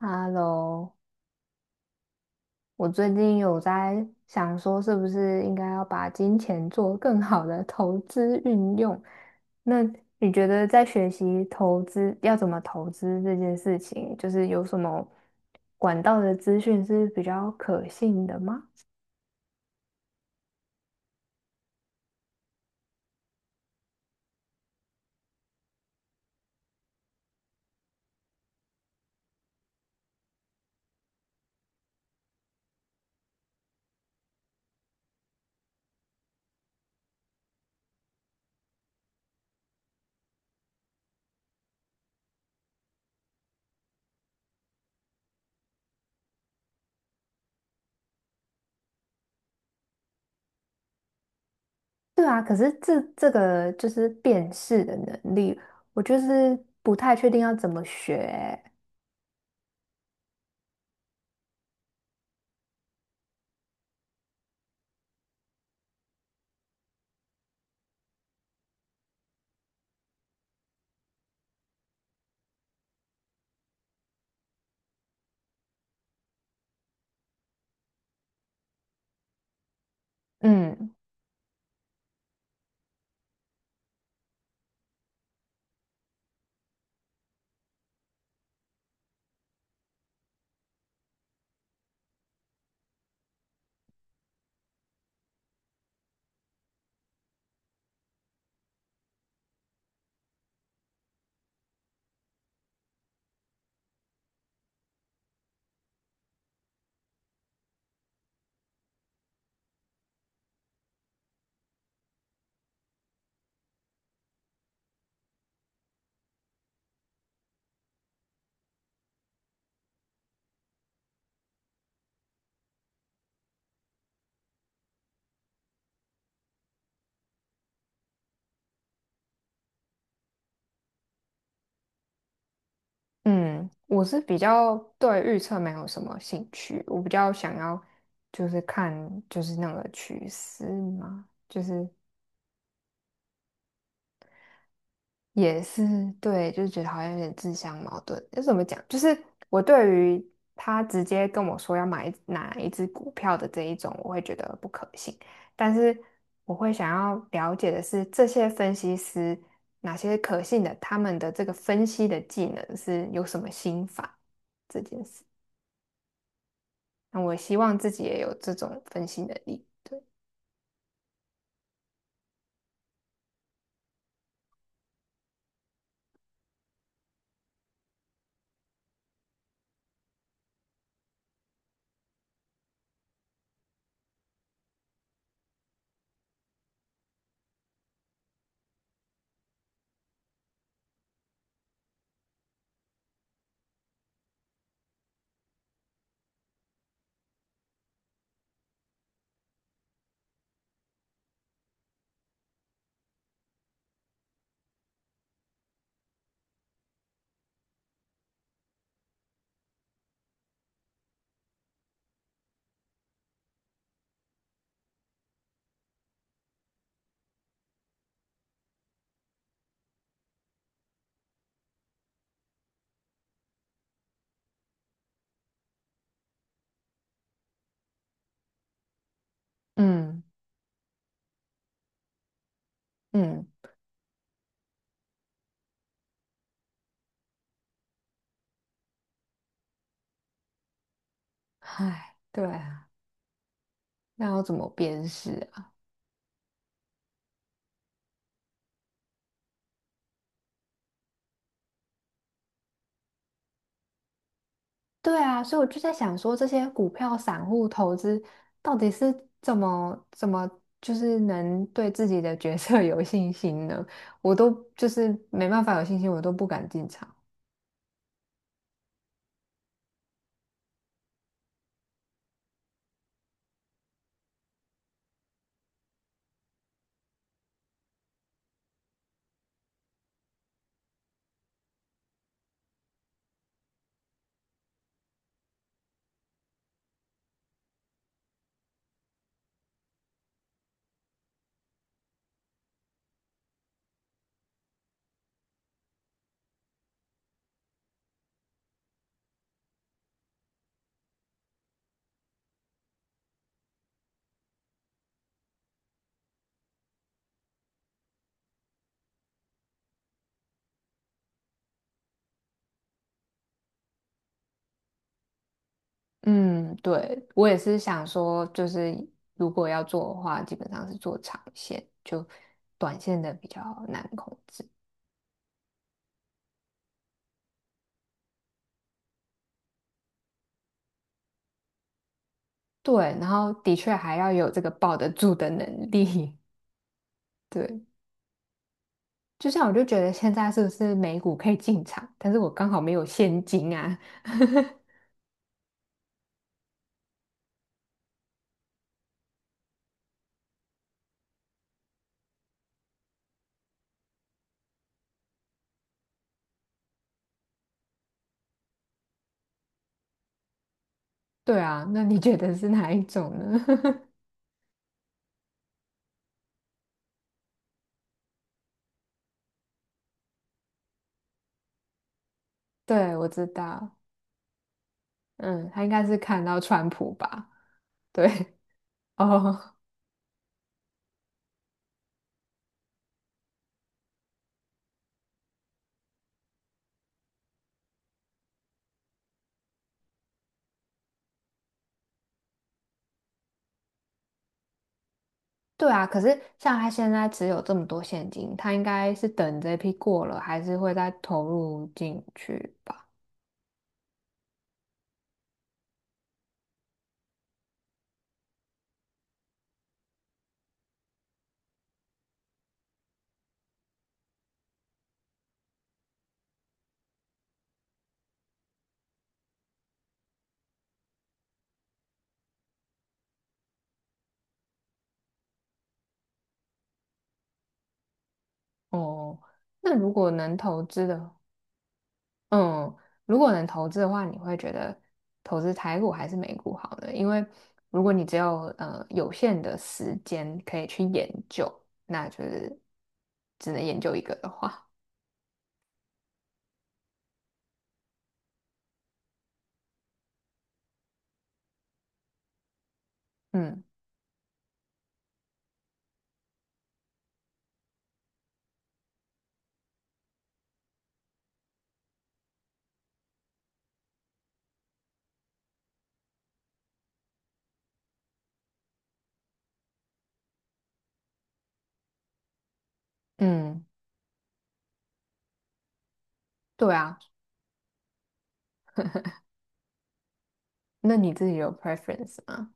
Hello，我最近有在想说，是不是应该要把金钱做更好的投资运用？那你觉得在学习投资要怎么投资这件事情，就是有什么管道的资讯是比较可信的吗？对啊，可是这个就是辨识的能力，我就是不太确定要怎么学欸嗯。嗯，我是比较对预测没有什么兴趣，我比较想要就是看就是那个趋势嘛，就是也是对，就是觉得好像有点自相矛盾。就怎么讲？就是我对于他直接跟我说要买哪一只股票的这一种，我会觉得不可信。但是我会想要了解的是，这些分析师哪些可信的，他们的这个分析的技能是有什么心法这件事。那我希望自己也有这种分析能力。对，嗯嗯，唉，对啊，那要怎么辨识啊？对啊，所以我就在想说，这些股票散户投资到底是怎么，就是能对自己的角色 有信心呢？我都就是没办法有信心，我都不敢进场。嗯，对，我也是想说，就是如果要做的话，基本上是做长线，就短线的比较难控制。对，然后的确还要有这个抱得住的能力。对，就像我就觉得现在是不是美股可以进场，但是我刚好没有现金啊。对啊，那你觉得是哪一种呢？对，我知道，嗯，他应该是看到川普吧？对，哦，对啊，可是像他现在只有这么多现金，他应该是等这批过了，还是会再投入进去吧？哦，那如果能投资的，嗯，如果能投资的话，你会觉得投资台股还是美股好呢？因为如果你只有有限的时间可以去研究，那就是只能研究一个的话，嗯嗯，对啊，那你自己有 preference 吗？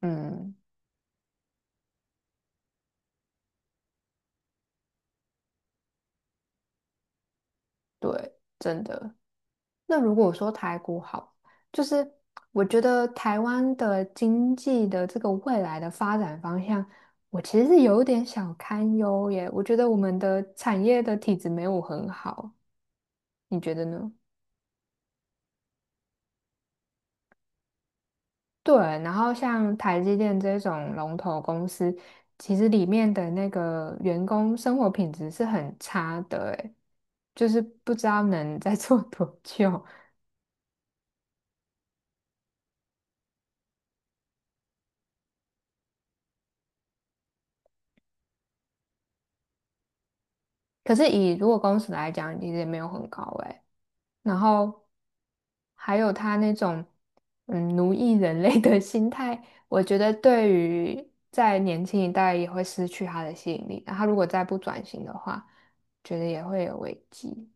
嗯，对，真的。那如果说台股好，就是我觉得台湾的经济的这个未来的发展方向，我其实是有点小堪忧耶。我觉得我们的产业的体质没有很好，你觉得呢？对，然后像台积电这种龙头公司，其实里面的那个员工生活品质是很差的，诶，就是不知道能再做多久。可是以如果公司来讲，其实也没有很高，诶。然后还有他那种奴役人类的 心态，我觉得对于在年轻一代也会失去他的吸引力。然后他如果再不转型的话，觉得也会有危机。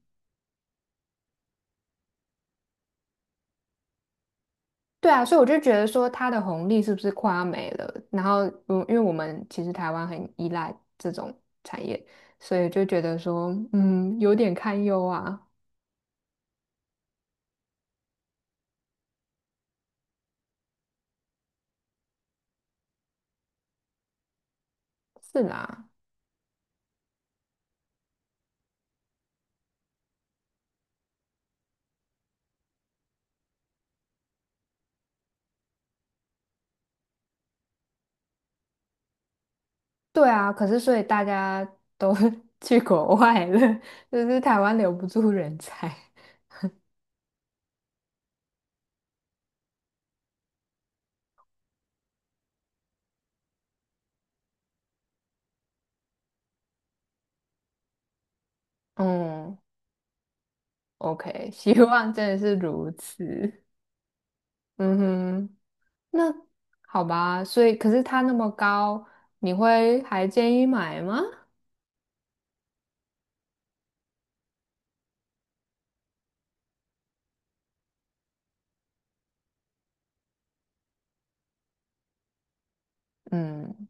对啊，所以我就觉得说他的红利是不是快要没了？然后，嗯，因为我们其实台湾很依赖这种产业，所以就觉得说，嗯，有点堪忧啊。是啦。对啊，可是所以大家都 去国外了，就是台湾留不住人才。嗯，OK，希望真的是如此。嗯哼，那 好吧，所以可是它那么高，你会还建议买吗？嗯，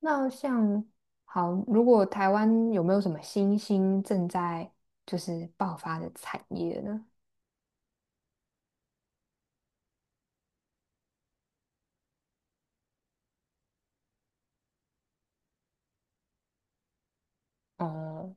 那像好，如果台湾有没有什么新兴正在就是爆发的产业呢？哦、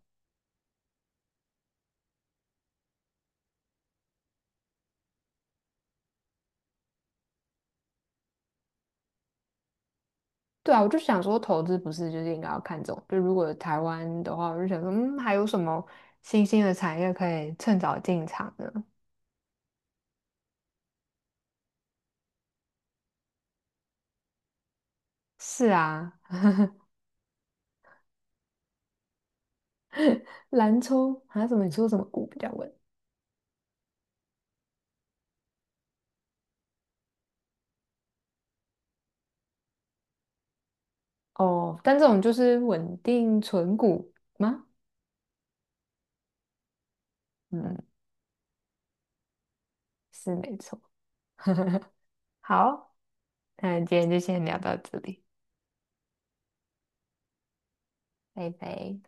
对啊，我就想说，投资不是就是应该要看中，就如果台湾的话，我就想说，嗯，还有什么新兴的产业可以趁早进场呢？是啊，蓝筹还有什么？你说什么股比较稳？哦，但这种就是稳定存股吗？嗯，是没错。好，那今天就先聊到这里，拜拜。